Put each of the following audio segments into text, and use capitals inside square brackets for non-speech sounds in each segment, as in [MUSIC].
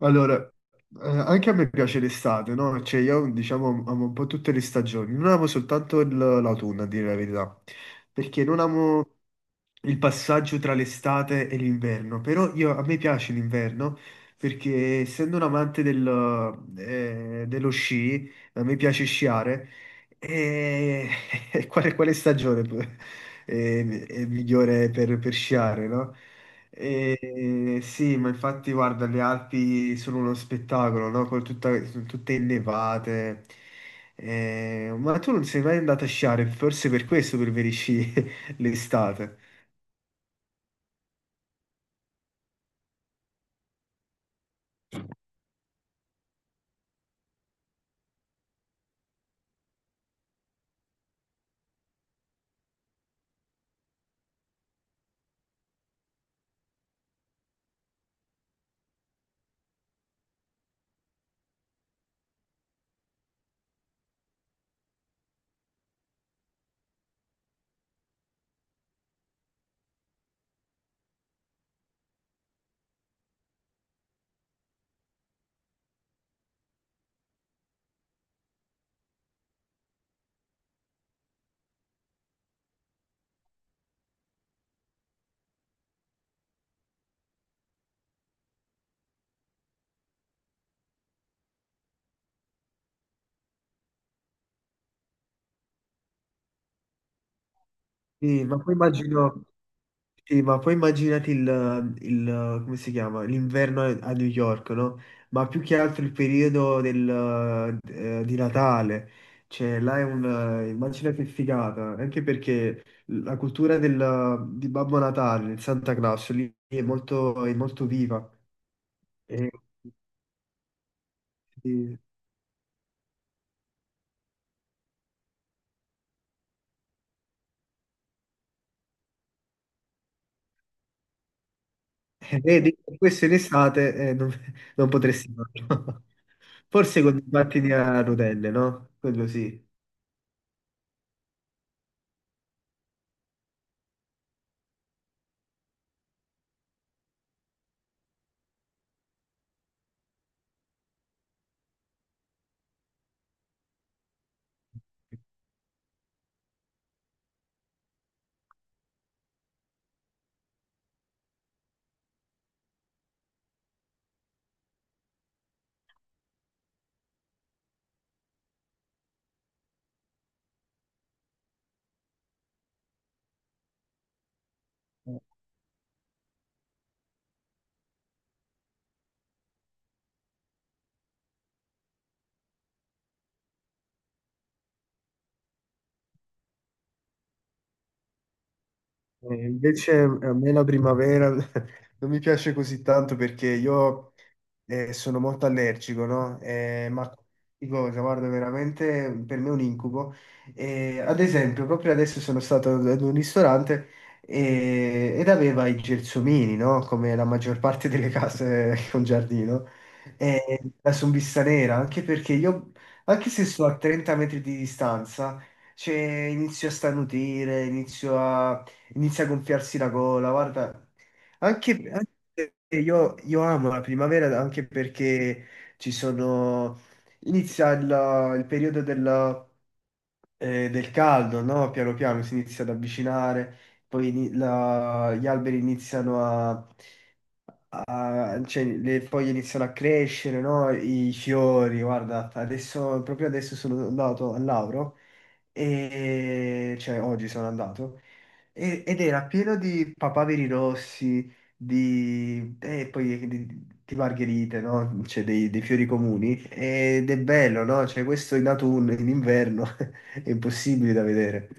Allora, anche a me piace l'estate, no? Cioè io diciamo amo un po' tutte le stagioni, non amo soltanto l'autunno, a dire la verità, perché non amo il passaggio tra l'estate e l'inverno, però a me piace l'inverno perché essendo un amante dello sci, a me piace sciare e [LAUGHS] e quale stagione è migliore per sciare, no? E, sì, ma infatti guarda, le Alpi sono uno spettacolo, no? Con sono tutte innevate. Ma tu non sei mai andato a sciare, forse per questo preferisci [LAUGHS] l'estate. Sì, ma poi immagino. Sì, ma poi immaginati come si chiama? L'inverno a New York, no? Ma più che altro il periodo di Natale. Cioè, là è immagina che figata, anche perché la cultura di Babbo Natale, del Santa Claus, lì è molto, viva. E, e- e questo in estate non, [LAUGHS] non potresti farlo. [LAUGHS] Forse con i pattini a rotelle, no? Quello sì. E invece a me la primavera [LAUGHS] non mi piace così tanto perché io sono molto allergico, no? Ma di cosa, guarda, veramente per me è un incubo. Ad esempio, proprio adesso sono stato ad un ristorante ed aveva i gelsomini, no? Come la maggior parte delle case [LAUGHS] con giardino. E la sombista nera, anche perché io, anche se sto a 30 metri di distanza, cioè, inizio a starnutire, inizio a inizia a gonfiarsi la gola, guarda. Anche io, amo la primavera anche perché ci sono... Inizia il periodo del caldo, no? Piano piano si inizia ad avvicinare, poi gli alberi iniziano a... cioè, le foglie iniziano a crescere, no? I fiori, guarda. Adesso, proprio adesso sono andato al Lauro e cioè oggi sono andato ed era pieno di papaveri rossi, e poi di margherite, no? Cioè dei fiori comuni ed è bello, no? Cioè questo in autunno, in inverno [LAUGHS] è impossibile da vedere.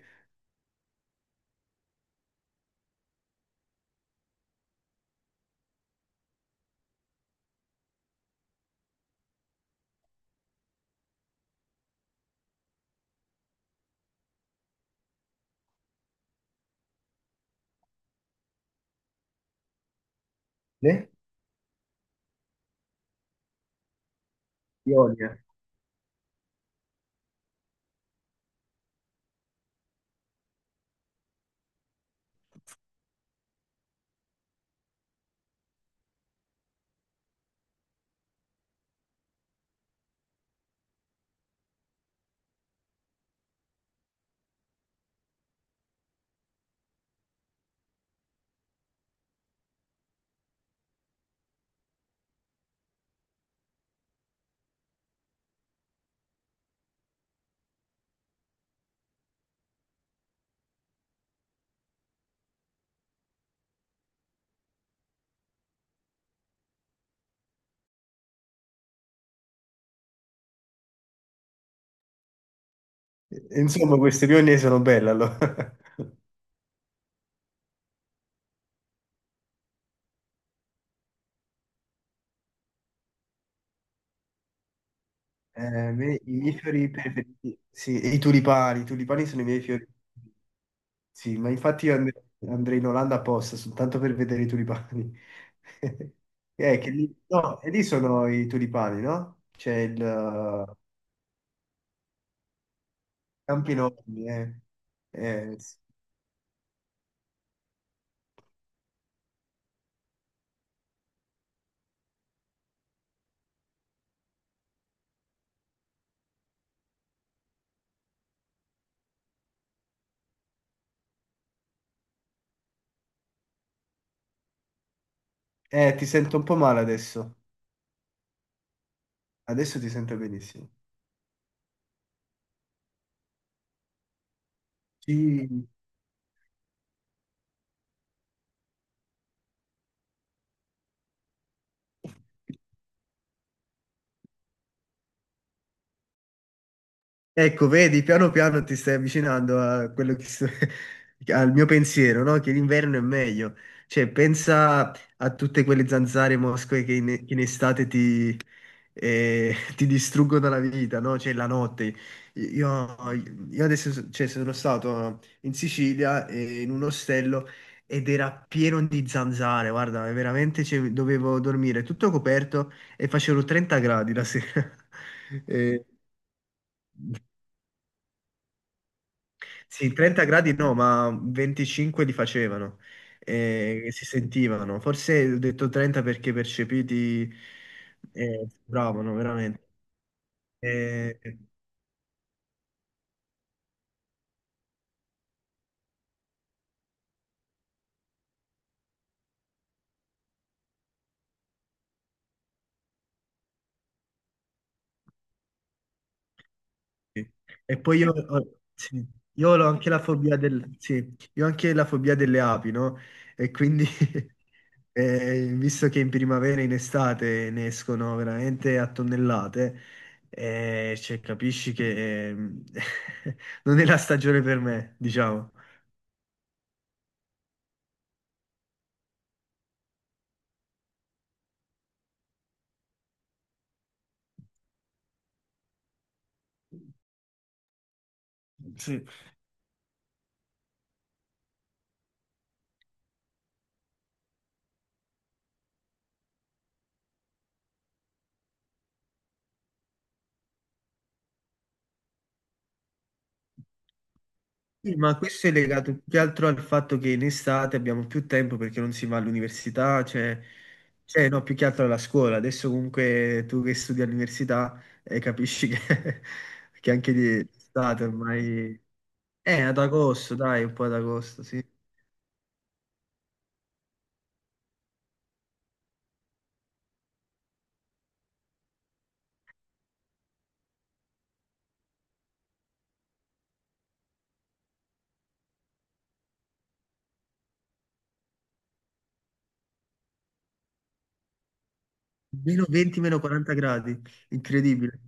Eh? Pionie. Insomma, queste pionie sono belle allora. [LAUGHS] I miei fiori preferiti, sì, e i tulipani, sono i miei fiori. Sì, ma infatti andrei in Olanda apposta, soltanto per vedere i tulipani. [LAUGHS] Che lì, no, e lì sono i tulipani, no? C'è il Campi enormi, eh. Sì. Ti sento un po' male adesso. Adesso ti sento benissimo. Sì. Ecco, vedi, piano piano ti stai avvicinando a quello che [LAUGHS] al mio pensiero, no? Che l'inverno è meglio. Cioè, pensa a tutte quelle zanzare e mosche che in estate e [LAUGHS] ti distruggono la vita, no? Cioè la notte. Io, io adesso cioè, sono stato in Sicilia in un ostello ed era pieno di zanzare, guarda, veramente cioè, dovevo dormire tutto coperto e facevano 30 gradi la sera. [LAUGHS] Eh, sì, 30 gradi no, ma 25 li facevano. Si sentivano, forse ho detto 30 perché percepiti bravano veramente. Eh, Sì. E poi io, sì, io ho anche la fobia sì, io ho anche la fobia delle api, no? E quindi, [LAUGHS] visto che in primavera e in estate ne escono veramente a tonnellate, capisci che [LAUGHS] non è la stagione per me, diciamo. Sì. Sì, ma questo è legato più che altro al fatto che in estate abbiamo più tempo perché non si va all'università, cioè, no, più che altro alla scuola. Adesso comunque tu che studi all'università capisci che, [LAUGHS] che anche di estate ormai... Ad agosto, dai, un po' ad agosto, sì. Meno 20, meno 40 gradi, incredibile.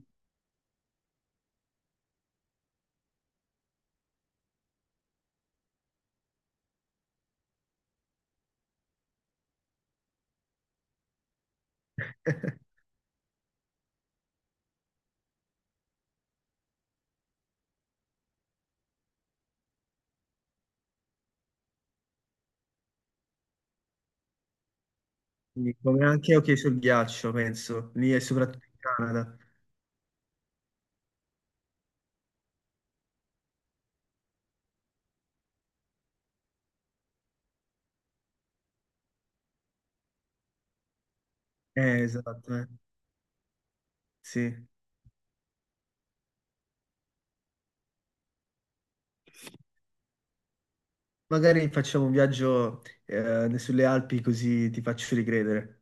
[LAUGHS] Quindi, come anche ok sul ghiaccio, penso, lì e soprattutto in Canada. Esatto, eh. Sì. Magari facciamo un viaggio sulle Alpi così ti faccio ricredere.